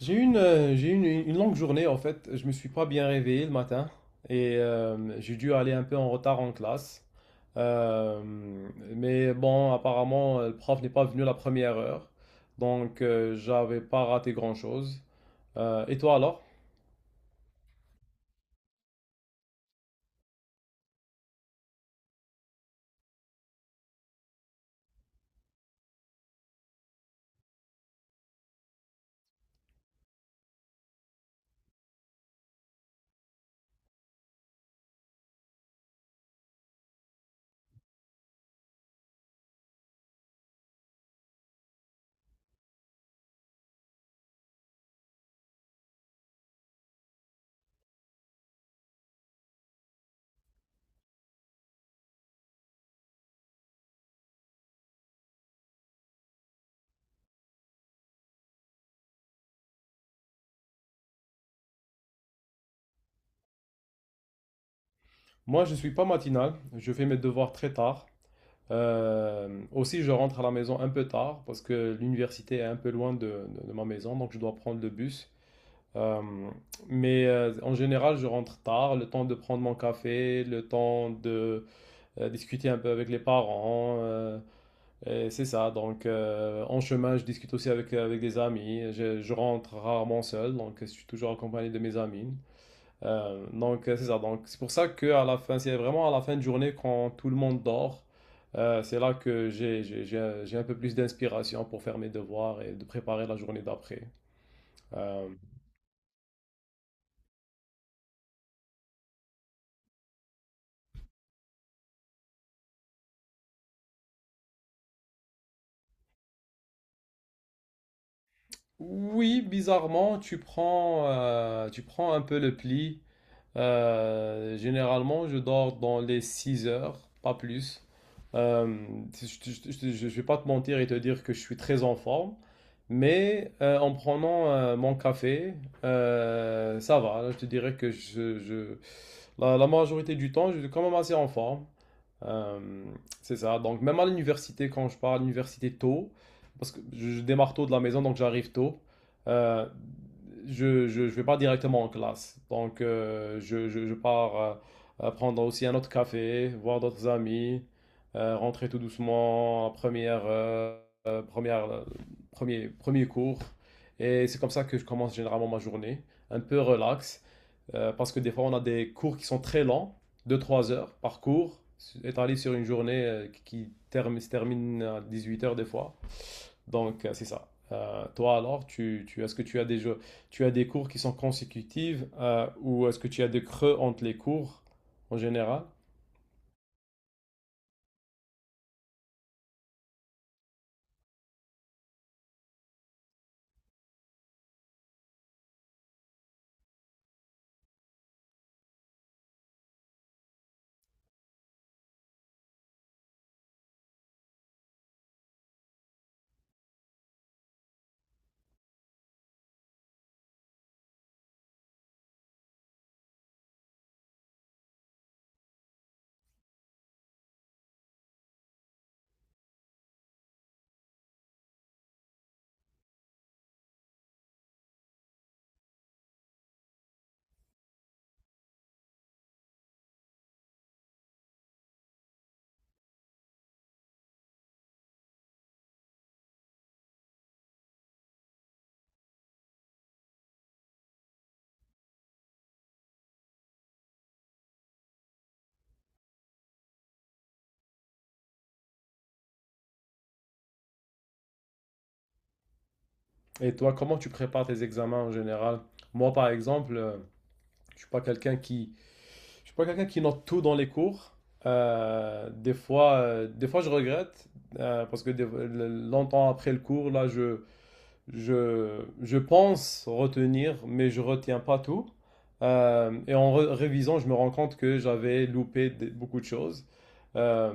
J'ai eu une, j'ai eu une longue journée en fait. Je me suis pas bien réveillé le matin et j'ai dû aller un peu en retard en classe. Euh, mais bon, apparemment, le prof n'est pas venu la première heure, donc j'avais pas raté grand-chose. Et toi alors? Moi, je suis pas matinal. Je fais mes devoirs très tard. Aussi, je rentre à la maison un peu tard parce que l'université est un peu loin de, de ma maison, donc je dois prendre le bus. Euh, mais en général, je rentre tard, le temps de prendre mon café, le temps de discuter un peu avec les parents. Et c'est ça. Donc, en chemin, je discute aussi avec, avec des amis. Je rentre rarement seul, donc je suis toujours accompagné de mes amis. C'est ça. Donc, c'est pour ça que à la fin, c'est vraiment à la fin de journée quand tout le monde dort. C'est là que j'ai un peu plus d'inspiration pour faire mes devoirs et de préparer la journée d'après. Euh, Oui, bizarrement, tu prends un peu le pli. Généralement, je dors dans les 6 heures, pas plus. Euh, je ne vais pas te mentir et te dire que je suis très en forme, mais en prenant mon café, ça va. Je te dirais que la, la majorité du temps, je suis quand même assez en forme. Euh, c'est ça. Donc, même à l'université, quand je pars à l'université tôt, parce que je démarre tôt de la maison, donc j'arrive tôt, euh, je vais pas directement en classe. Donc, je pars prendre aussi un autre café, voir d'autres amis, rentrer tout doucement, en euh, première, euh, premier cours. Et c'est comme ça que je commence généralement ma journée, un peu relax. Parce que des fois, on a des cours qui sont très lents, 2 3 heures par cours, étalés sur une journée qui se termine à 18 heures des fois. Donc, c'est ça. Toi alors, est-ce que tu as des jeux, tu as des cours qui sont consécutifs ou est-ce que tu as des creux entre les cours en général? Et toi, comment tu prépares tes examens en général? Moi, par exemple, je ne suis pas quelqu'un qui Je suis pas quelqu'un qui note tout dans les cours. Des fois, je regrette parce que longtemps après le cours, je pense retenir, mais je retiens pas tout. Et en révisant, je me rends compte que j'avais loupé beaucoup de choses. Euh,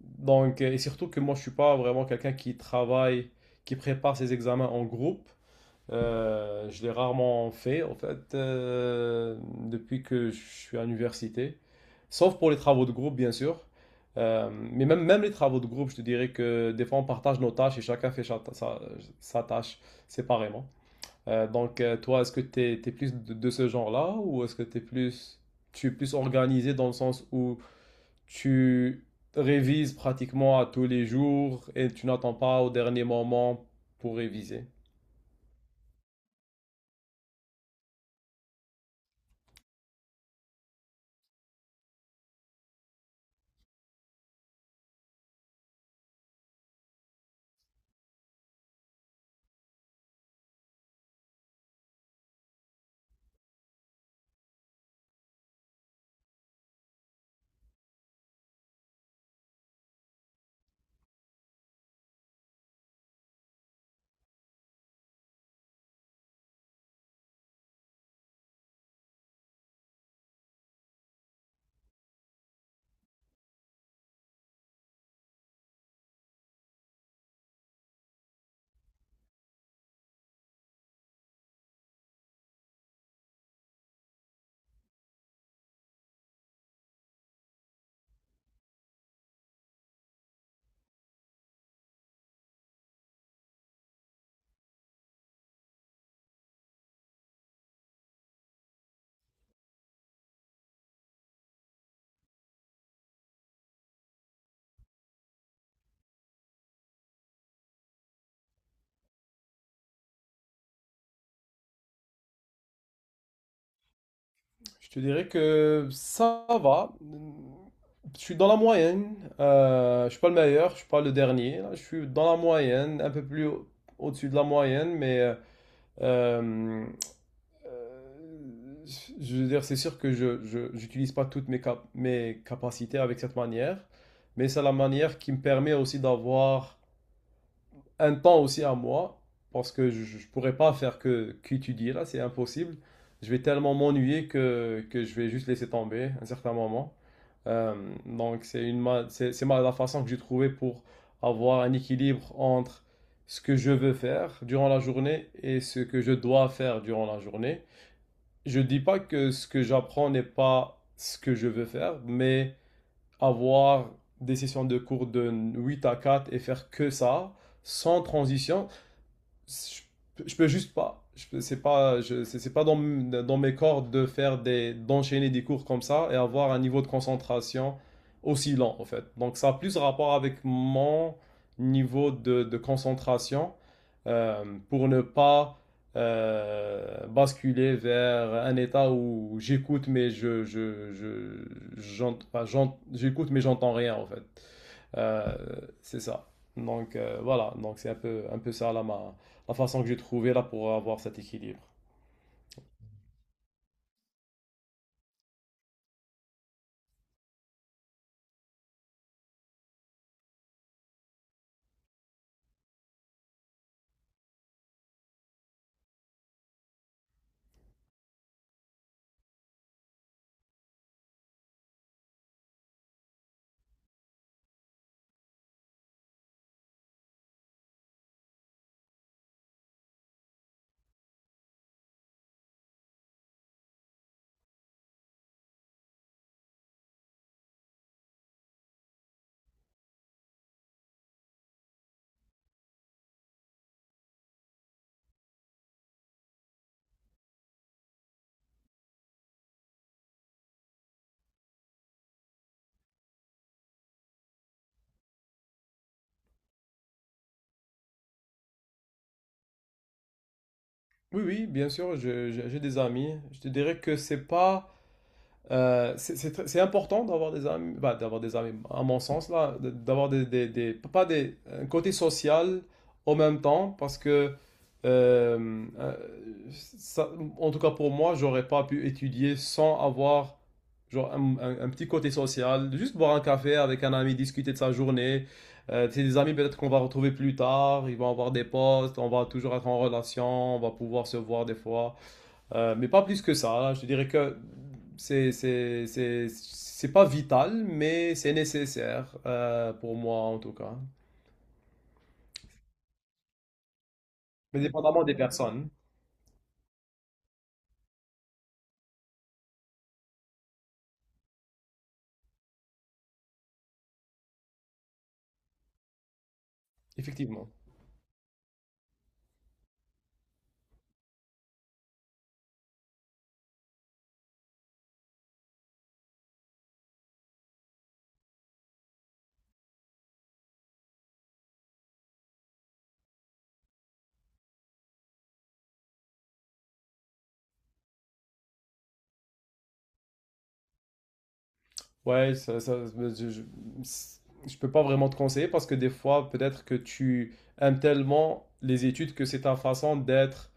et surtout que moi, je suis pas vraiment quelqu'un qui travaille, qui prépare ses examens en groupe. Je l'ai rarement fait, en fait, depuis que je suis à l'université. Sauf pour les travaux de groupe, bien sûr. Mais même les travaux de groupe, je te dirais que des fois, on partage nos tâches et chacun sa, sa tâche séparément. Toi, est-ce que tu es, plus de ce genre-là ou est-ce que tu es plus organisé dans le sens où tu révises pratiquement à tous les jours et tu n'attends pas au dernier moment pour réviser? Je te dirais que ça va. Je suis dans la moyenne. Je suis pas le meilleur, je suis pas le dernier. Là. Je suis dans la moyenne, un peu au-dessus de la moyenne, mais euh, je veux dire, c'est sûr que j'utilise pas toutes mes capacités avec cette manière, mais c'est la manière qui me permet aussi d'avoir un temps aussi à moi, parce que je ne pourrais pas faire que qu'étudier là, c'est impossible. Je vais tellement m'ennuyer que je vais juste laisser tomber à un certain moment. Euh, donc c'est une ma- c'est ma- la façon que j'ai trouvée pour avoir un équilibre entre ce que je veux faire durant la journée et ce que je dois faire durant la journée. Je ne dis pas que ce que j'apprends n'est pas ce que je veux faire, mais avoir des sessions de cours de 8 à 4 et faire que ça, sans transition, je peux juste pas. Je peux- C'est pas, je- C'est pas dans, dans mes cordes de d'enchaîner des cours comme ça et avoir un niveau de concentration aussi lent en fait. Donc ça a plus rapport avec mon niveau de concentration euh, pour ne pas basculer vers un état où j'écoute mais je, j'ent- enfin, j'ent- j'écoute mais j'entends rien en fait. Euh, c'est ça. Donc voilà, donc c'est un peu ça là, ma, la façon que j'ai trouvé là pour avoir cet équilibre. Oui, oui, bien sûr, j'ai des amis. Je te dirais que c'est pas C'est important d'avoir des amis, bah, d'avoir des amis, à mon sens, là, d'avoir des- pas des, un côté social en même temps, parce que, euh, euh, ça- en tout cas pour moi, j'aurais pas pu étudier sans avoir genre, un petit côté social, juste boire un café avec un ami, discuter de sa journée. C'est des amis peut-être qu'on va retrouver plus tard, ils vont avoir des postes, on va toujours être en relation, on va pouvoir se voir des fois. Mais pas plus que ça. Je dirais que c'est pas vital, mais c'est nécessaire pour moi en tout cas. Mais dépendamment des personnes, effectivement. Ouais, je peux pas vraiment te conseiller parce que des fois, peut-être que tu aimes tellement les études que c'est ta façon d'être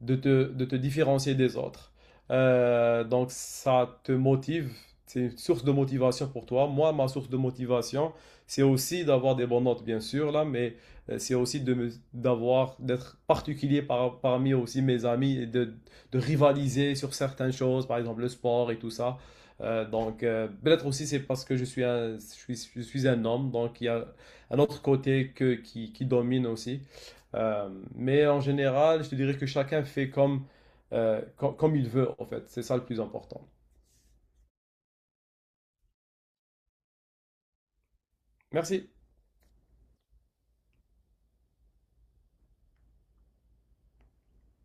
de te différencier des autres. Donc ça te motive, c'est une source de motivation pour toi. Moi, ma source de motivation, c'est aussi d'avoir des bonnes notes, bien sûr, là, mais c'est aussi de d'avoir, d'être particulier parmi aussi mes amis et de rivaliser sur certaines choses, par exemple le sport et tout ça. Peut-être aussi c'est parce que je suis un homme, donc il y a un autre côté qui domine aussi. Euh, mais en général, je te dirais que chacun fait comme, comme il veut, en fait. C'est ça le plus important. Merci.